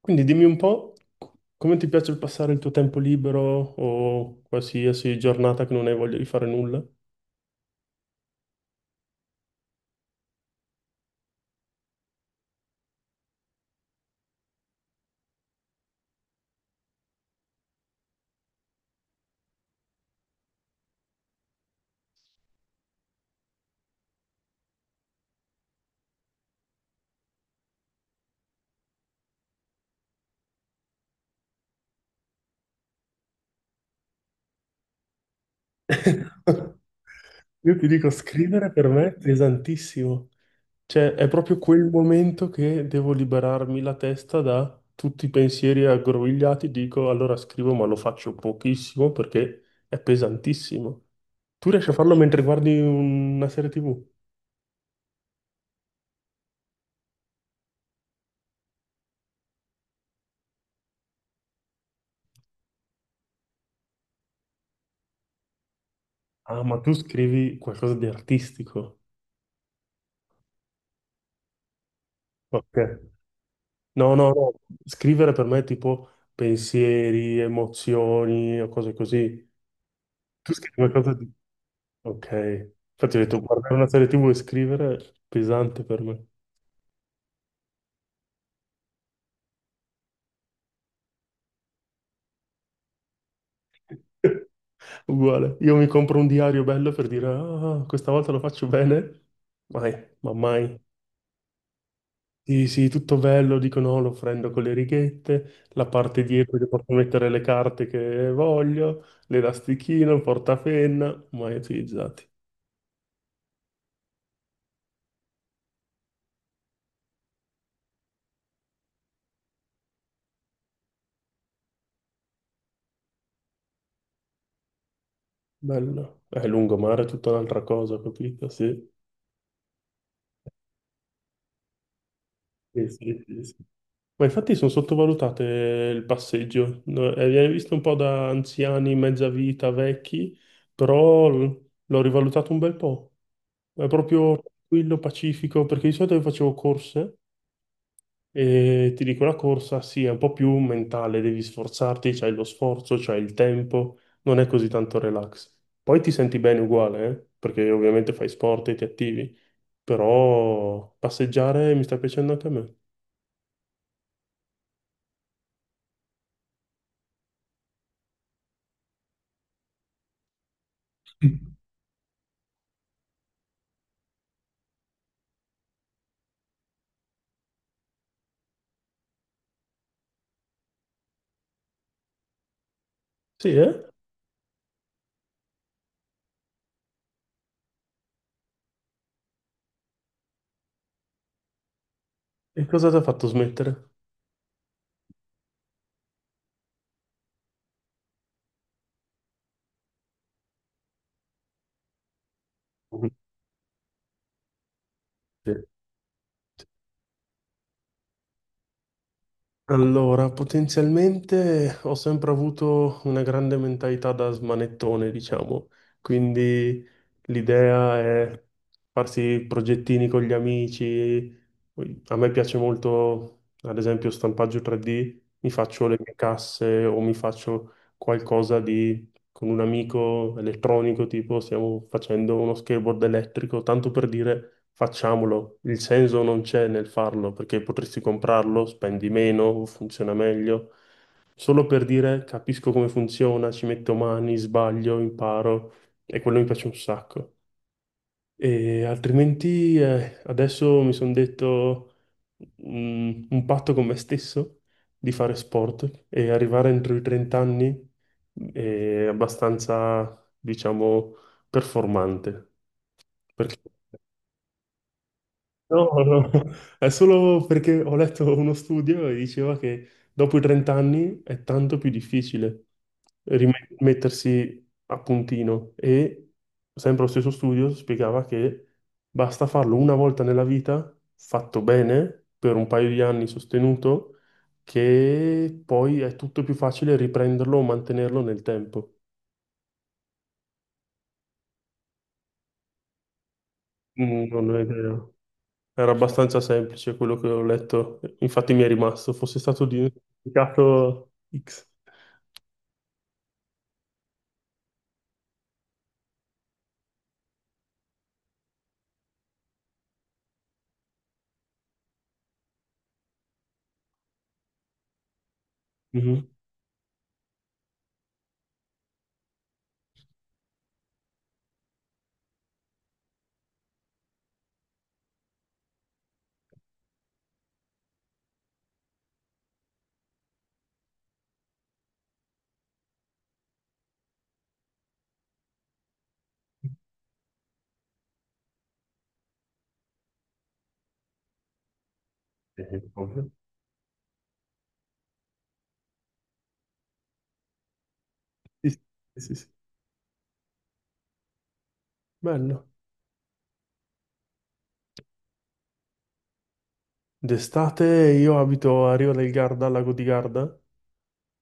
Quindi dimmi un po' come ti piace passare il tuo tempo libero o qualsiasi giornata che non hai voglia di fare nulla? Io ti dico, scrivere per me è pesantissimo. Cioè, è proprio quel momento che devo liberarmi la testa da tutti i pensieri aggrovigliati. Dico, allora scrivo, ma lo faccio pochissimo perché è pesantissimo. Tu riesci a farlo mentre guardi una serie TV? Ah, ma tu scrivi qualcosa di artistico. Ok. No, no, no, scrivere per me è tipo pensieri, emozioni o cose così. Tu scrivi qualcosa di... Ok, infatti ho detto guardare una serie TV e scrivere è pesante per me. Uguale, io mi compro un diario bello per dire ah, questa volta lo faccio bene, mai, ma mai. Sì, sì, tutto bello, dico no, lo prendo con le righette, la parte dietro che posso mettere le carte che voglio, l'elastichino, il portapenna, mai utilizzati. Bello, è lungomare è tutta un'altra cosa, capito? Sì. Sì, sì, sì, sì. Ma infatti sono sottovalutate il passeggio. No, viene visto un po' da anziani, mezza vita, vecchi, però l'ho rivalutato un bel po'. È proprio tranquillo, pacifico, perché di solito io facevo corse e ti dico la corsa, sì, è un po' più mentale, devi sforzarti, c'hai lo sforzo, c'hai il tempo, non è così tanto relax. Poi ti senti bene uguale, eh. Perché ovviamente fai sport e ti attivi. Però passeggiare mi sta piacendo anche a me. Sì, eh? E cosa ti ha fatto smettere? Sì. Allora, potenzialmente ho sempre avuto una grande mentalità da smanettone, diciamo, quindi l'idea è farsi progettini con gli amici. Poi a me piace molto, ad esempio, stampaggio 3D, mi faccio le mie casse o mi faccio qualcosa di con un amico elettronico, tipo stiamo facendo uno skateboard elettrico, tanto per dire facciamolo. Il senso non c'è nel farlo, perché potresti comprarlo, spendi meno, funziona meglio. Solo per dire capisco come funziona, ci metto mani, sbaglio, imparo e quello mi piace un sacco. E altrimenti adesso mi sono detto un patto con me stesso di fare sport e arrivare entro i 30 anni è abbastanza, diciamo, performante. Perché? No, no, no. È solo perché ho letto uno studio e diceva che dopo i 30 anni è tanto più difficile rimettersi a puntino e sempre lo stesso studio spiegava che basta farlo una volta nella vita, fatto bene, per un paio di anni sostenuto, che poi è tutto più facile riprenderlo o mantenerlo nel tempo. Mm, non ho idea. Era abbastanza semplice quello che ho letto, infatti mi è rimasto, fosse stato indicato X. Mhm. Ovvio. Sì, sì, sì, sì. Bello. D'estate io abito a Riva del Garda, al lago di Garda,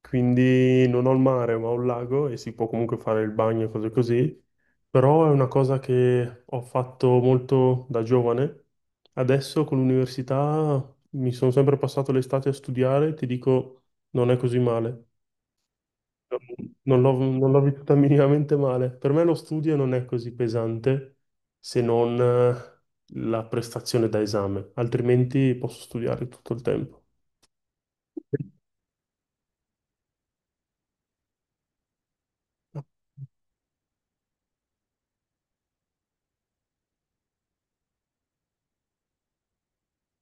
quindi non ho il mare ma ho il lago e si può comunque fare il bagno e cose così, però è una cosa che ho fatto molto da giovane. Adesso con l'università mi sono sempre passato l'estate a studiare, ti dico, non è così male. Non l'ho vissuta minimamente male. Per me lo studio non è così pesante se non la prestazione da esame, altrimenti posso studiare tutto il tempo.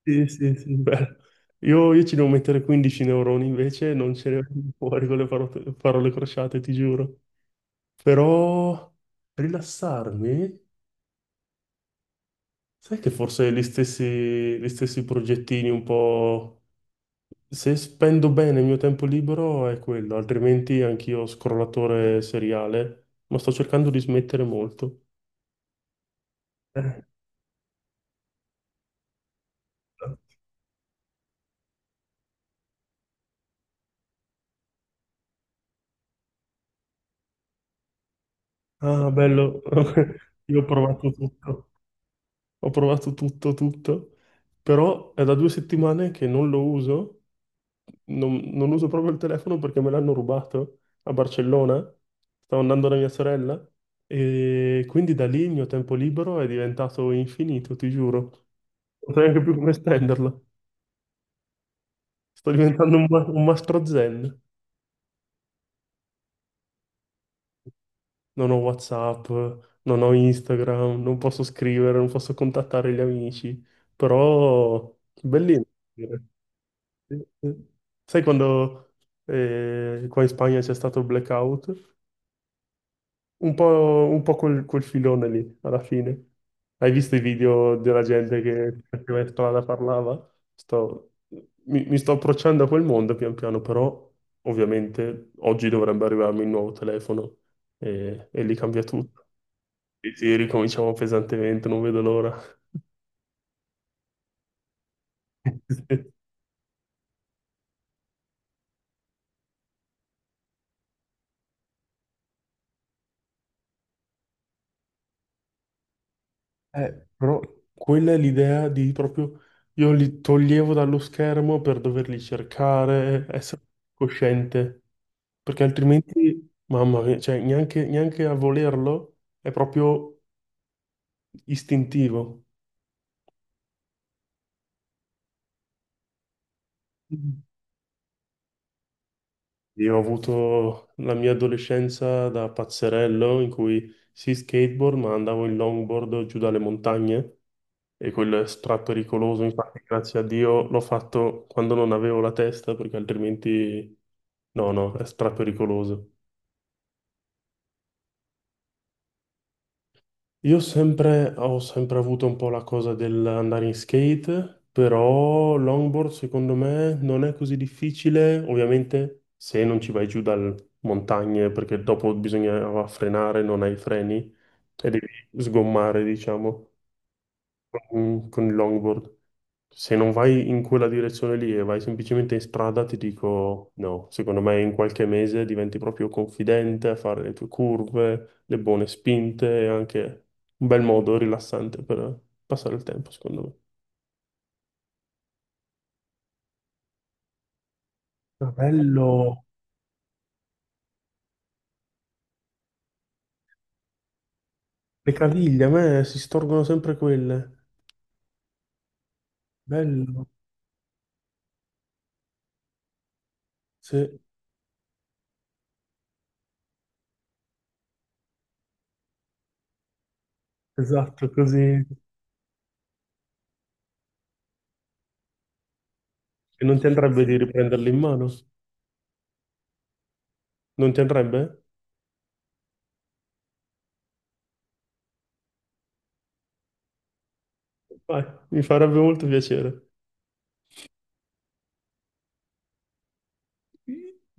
Sì, sì, sì, bello. Io ci devo mettere 15 neuroni invece, non ce ne vengono fuori con le parole, parole crociate, ti giuro. Però rilassarmi, sai che forse gli stessi progettini un po' se spendo bene il mio tempo libero è quello, altrimenti anch'io scrollatore seriale, ma sto cercando di smettere molto. Eh. Ah, bello, io ho provato tutto, tutto, però è da 2 settimane che non lo uso, non uso proprio il telefono perché me l'hanno rubato a Barcellona, stavo andando da mia sorella e quindi da lì il mio tempo libero è diventato infinito, ti giuro, non so neanche più come spenderlo. Sto diventando un, un mastro zen. Non ho WhatsApp, non ho Instagram, non posso scrivere, non posso contattare gli amici, però bellino. Dire. Sì, sì. Sai quando qua in Spagna c'è stato il blackout? Un po', un po' quel filone lì, alla fine. Hai visto i video della gente che faceva in strada parlava? Sto- mi sto approcciando a quel mondo pian piano, però ovviamente oggi dovrebbe arrivarmi il nuovo telefono e lì cambia tutto. Sì, sì, ricominciamo pesantemente, non vedo l'ora. Però quella è l'idea di proprio io li toglievo dallo schermo per doverli cercare, essere cosciente, perché altrimenti, mamma mia, cioè, neanche a volerlo è proprio istintivo. Io ho avuto la mia adolescenza da pazzerello in cui sì skateboard, ma andavo in longboard giù dalle montagne e quello è strappericoloso. Infatti, grazie a Dio l'ho fatto quando non avevo la testa, perché altrimenti no, no, è strappericoloso. Io sempre, ho sempre avuto un po' la cosa dell'andare in skate, però longboard secondo me non è così difficile, ovviamente se non ci vai giù dalle montagne, perché dopo bisogna frenare, non hai i freni e devi sgommare, diciamo con il longboard. Se non vai in quella direzione lì e vai semplicemente in strada, ti dico no. Secondo me in qualche mese diventi proprio confidente a fare le tue curve, le buone spinte e anche un bel modo rilassante per passare il tempo, secondo me. Ah, bello! Le caviglie, a me si storgono sempre quelle. Bello. Sì, esatto, così. E non ti andrebbe di riprenderle in mano? Non ti andrebbe? Vai, mi farebbe molto piacere.